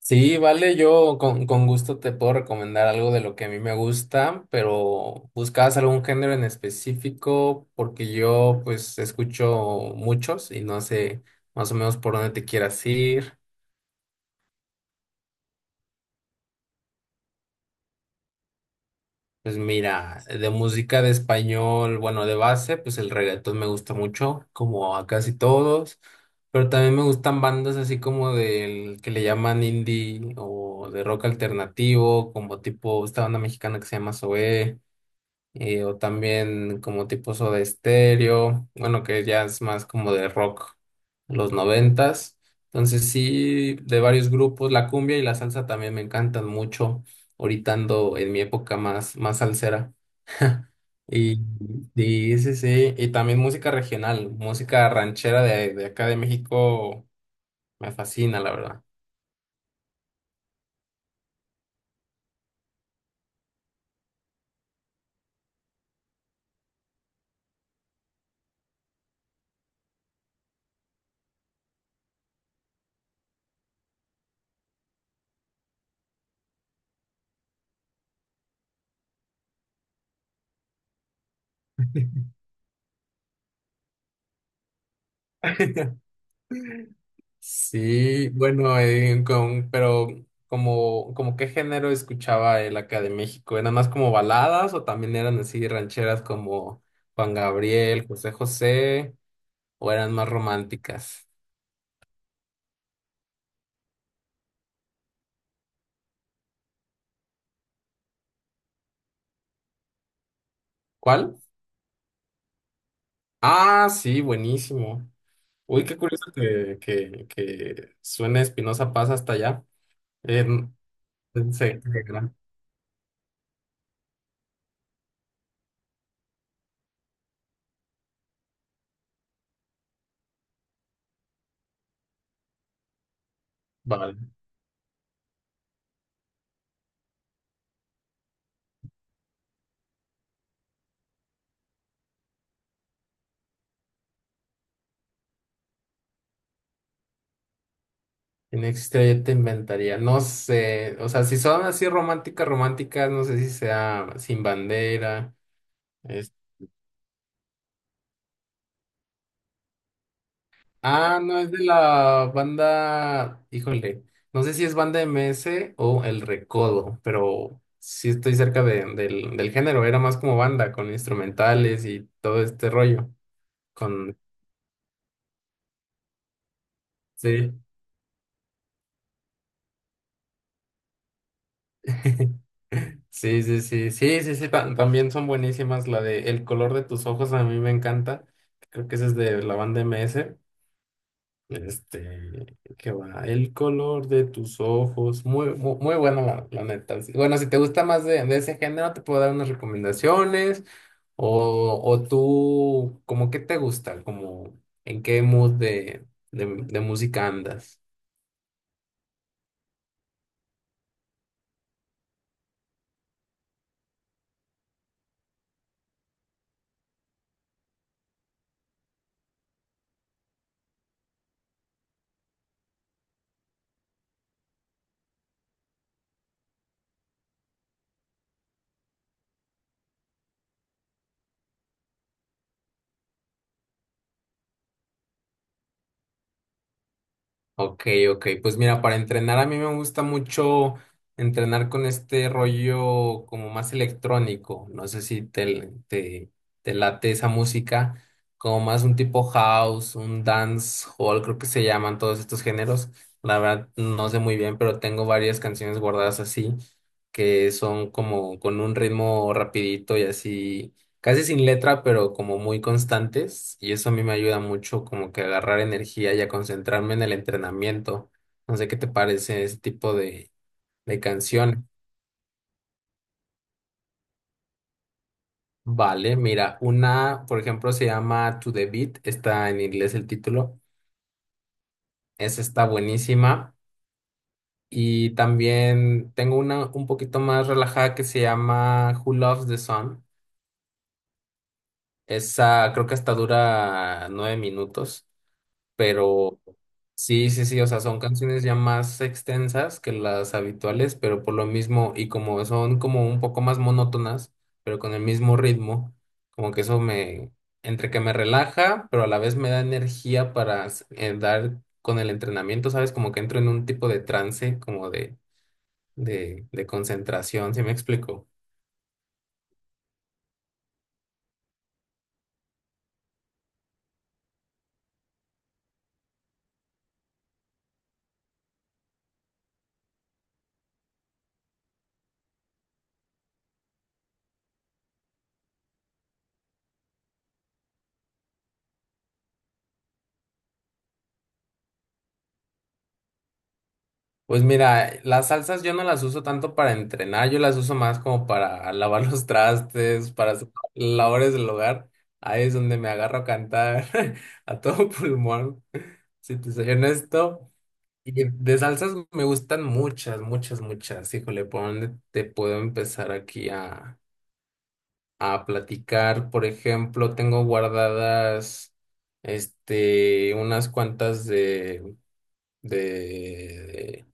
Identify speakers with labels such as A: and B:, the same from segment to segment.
A: Sí, vale, yo con gusto te puedo recomendar algo de lo que a mí me gusta, pero ¿buscabas algún género en específico? Porque yo pues escucho muchos y no sé más o menos por dónde te quieras ir. Pues mira, de música de español, bueno, de base, pues el reggaetón me gusta mucho, como a casi todos, pero también me gustan bandas así como del que le llaman indie o de rock alternativo, como tipo esta banda mexicana que se llama Zoé. O también como tipo Soda Stereo, bueno, que ya es más como de rock, los noventas. Entonces sí, de varios grupos, la cumbia y la salsa también me encantan mucho. Ahorita ando en mi época más salsera. Y, y sí, sí, y también música regional, música ranchera de acá de México, me fascina, la verdad. Sí, bueno, pero como qué género escuchaba él acá de México, ¿eran más como baladas o también eran así rancheras como Juan Gabriel, José José, o eran más románticas? ¿Cuál? Ah, sí, buenísimo. Uy, qué curioso que suene Espinosa Paz hasta allá. Eh, n- se- se- Vale. En extra yo te inventaría, no sé, o sea, si son así románticas, románticas, no sé si sea Sin Bandera. es- Ah, no, es de la banda, híjole, no sé si es banda MS o El Recodo, pero sí estoy cerca del género, era más como banda, con instrumentales y todo este rollo, con, sí. Sí, sí, sí, sí, sí, sí, también son buenísimas. La de El color de tus ojos a mí me encanta. Creo que esa es de la banda MS. Este, ¿qué va? El color de tus ojos. Muy bueno, la neta. Sí, bueno, si te gusta más de ese género, te puedo dar unas recomendaciones. O tú, ¿cómo qué te gusta? ¿Como en qué mood de música andas? Ok, ok. Pues mira, para entrenar a mí me gusta mucho entrenar con este rollo como más electrónico. No sé si te late esa música, como más un tipo house, un dance hall, creo que se llaman todos estos géneros. La verdad no sé muy bien, pero tengo varias canciones guardadas así, que son como con un ritmo rapidito y así casi sin letra, pero como muy constantes, y eso a mí me ayuda mucho como que a agarrar energía y a concentrarme en el entrenamiento. No sé qué te parece ese tipo de canción. Vale, mira, una, por ejemplo, se llama To The Beat, está en inglés el título, esa está buenísima. Y también tengo una un poquito más relajada que se llama Who Loves the Sun. Esa creo que hasta dura nueve minutos. Pero sí, sí, sí, o sea, son canciones ya más extensas que las habituales, pero por lo mismo, y como son como un poco más monótonas, pero con el mismo ritmo, como que eso me, entre que me relaja, pero a la vez me da energía para dar con el entrenamiento, ¿sabes? Como que entro en un tipo de trance, como de concentración, ¿sí me explico? Pues mira, las salsas yo no las uso tanto para entrenar, yo las uso más como para lavar los trastes, para hacer labores del hogar. Ahí es donde me agarro a cantar a todo pulmón, si te soy honesto. Y de salsas me gustan muchas, muchas, muchas. Híjole, ¿por dónde te puedo empezar aquí a platicar? Por ejemplo, tengo guardadas este, unas cuantas de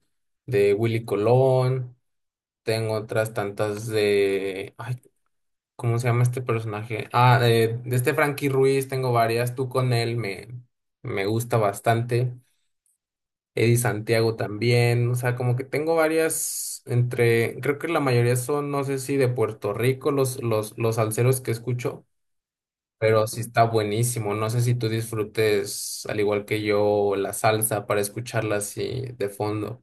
A: de Willy Colón. Tengo otras tantas de... Ay, ¿cómo se llama este personaje? Ah, de este Frankie Ruiz tengo varias. Tú con él me gusta bastante. Eddie Santiago también. O sea, como que tengo varias entre... Creo que la mayoría son, no sé si de Puerto Rico, los salseros que escucho. Pero sí está buenísimo. No sé si tú disfrutes, al igual que yo, la salsa para escucharla así de fondo.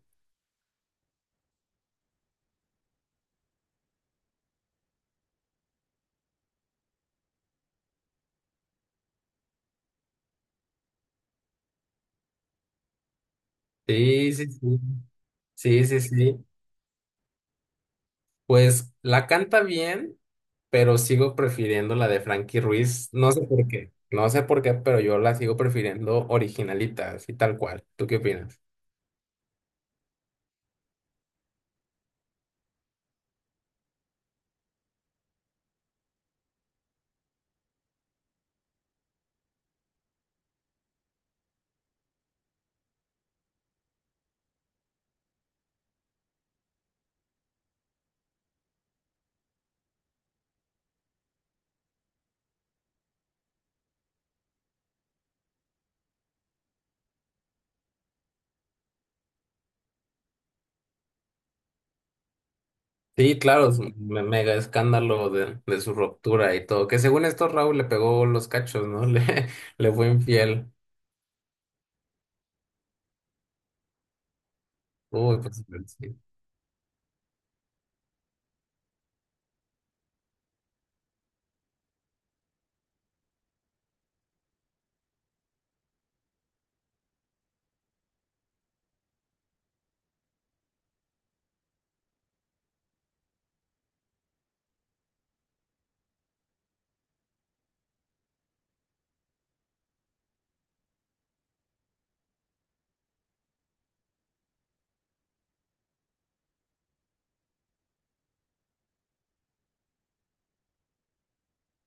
A: Sí, sí, sí. Sí, sí, sí. Pues la canta bien, pero sigo prefiriendo la de Frankie Ruiz. No sé por qué, no sé por qué, pero yo la sigo prefiriendo originalita, así tal cual. ¿Tú qué opinas? Sí, claro, es un mega escándalo de su ruptura y todo. Que según esto, Raúl le pegó los cachos, ¿no? Le fue infiel. Uy, pues sí.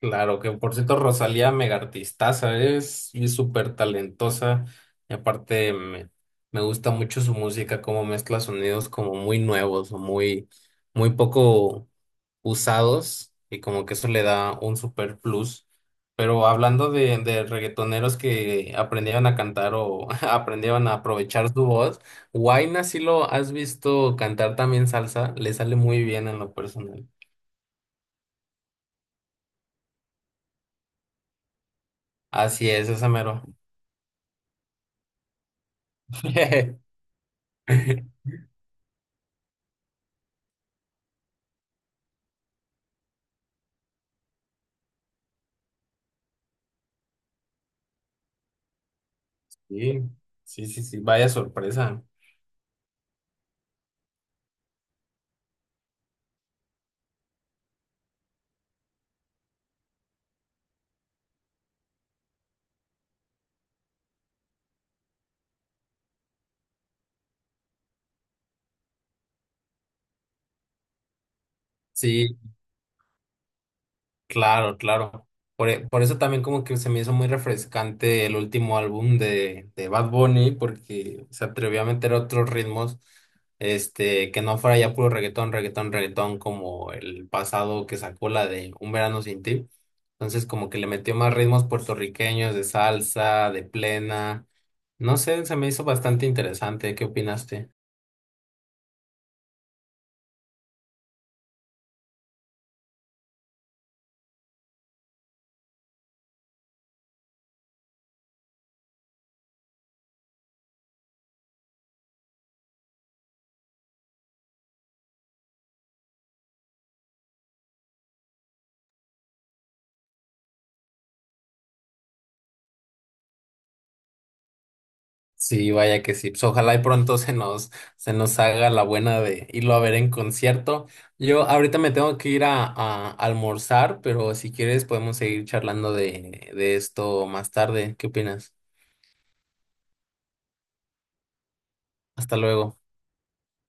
A: Claro, que por cierto, Rosalía mega artistaza, es y súper talentosa. Y aparte, me gusta mucho su música, cómo mezcla sonidos como muy nuevos o muy, muy poco usados y como que eso le da un super plus. Pero hablando de reggaetoneros que aprendieron a cantar o aprendieron a aprovechar su voz, Huayna sí lo has visto cantar también salsa, le sale muy bien en lo personal. Así es, ese mero. Sí, sí, sí, sí, vaya sorpresa. Sí, claro, claro. Por, por eso también como que se me hizo muy refrescante el último álbum de Bad Bunny, porque se atrevió a meter otros ritmos, este, que no fuera ya puro reggaetón, reggaetón, reggaetón, como el pasado que sacó la de Un Verano Sin Ti. Entonces como que le metió más ritmos puertorriqueños, de salsa, de plena. No sé, se me hizo bastante interesante. ¿Qué opinaste? Sí, vaya que sí. Pues ojalá y pronto se nos haga la buena de irlo a ver en concierto. Yo ahorita me tengo que ir a almorzar, pero si quieres podemos seguir charlando de esto más tarde. ¿Qué opinas? Hasta luego.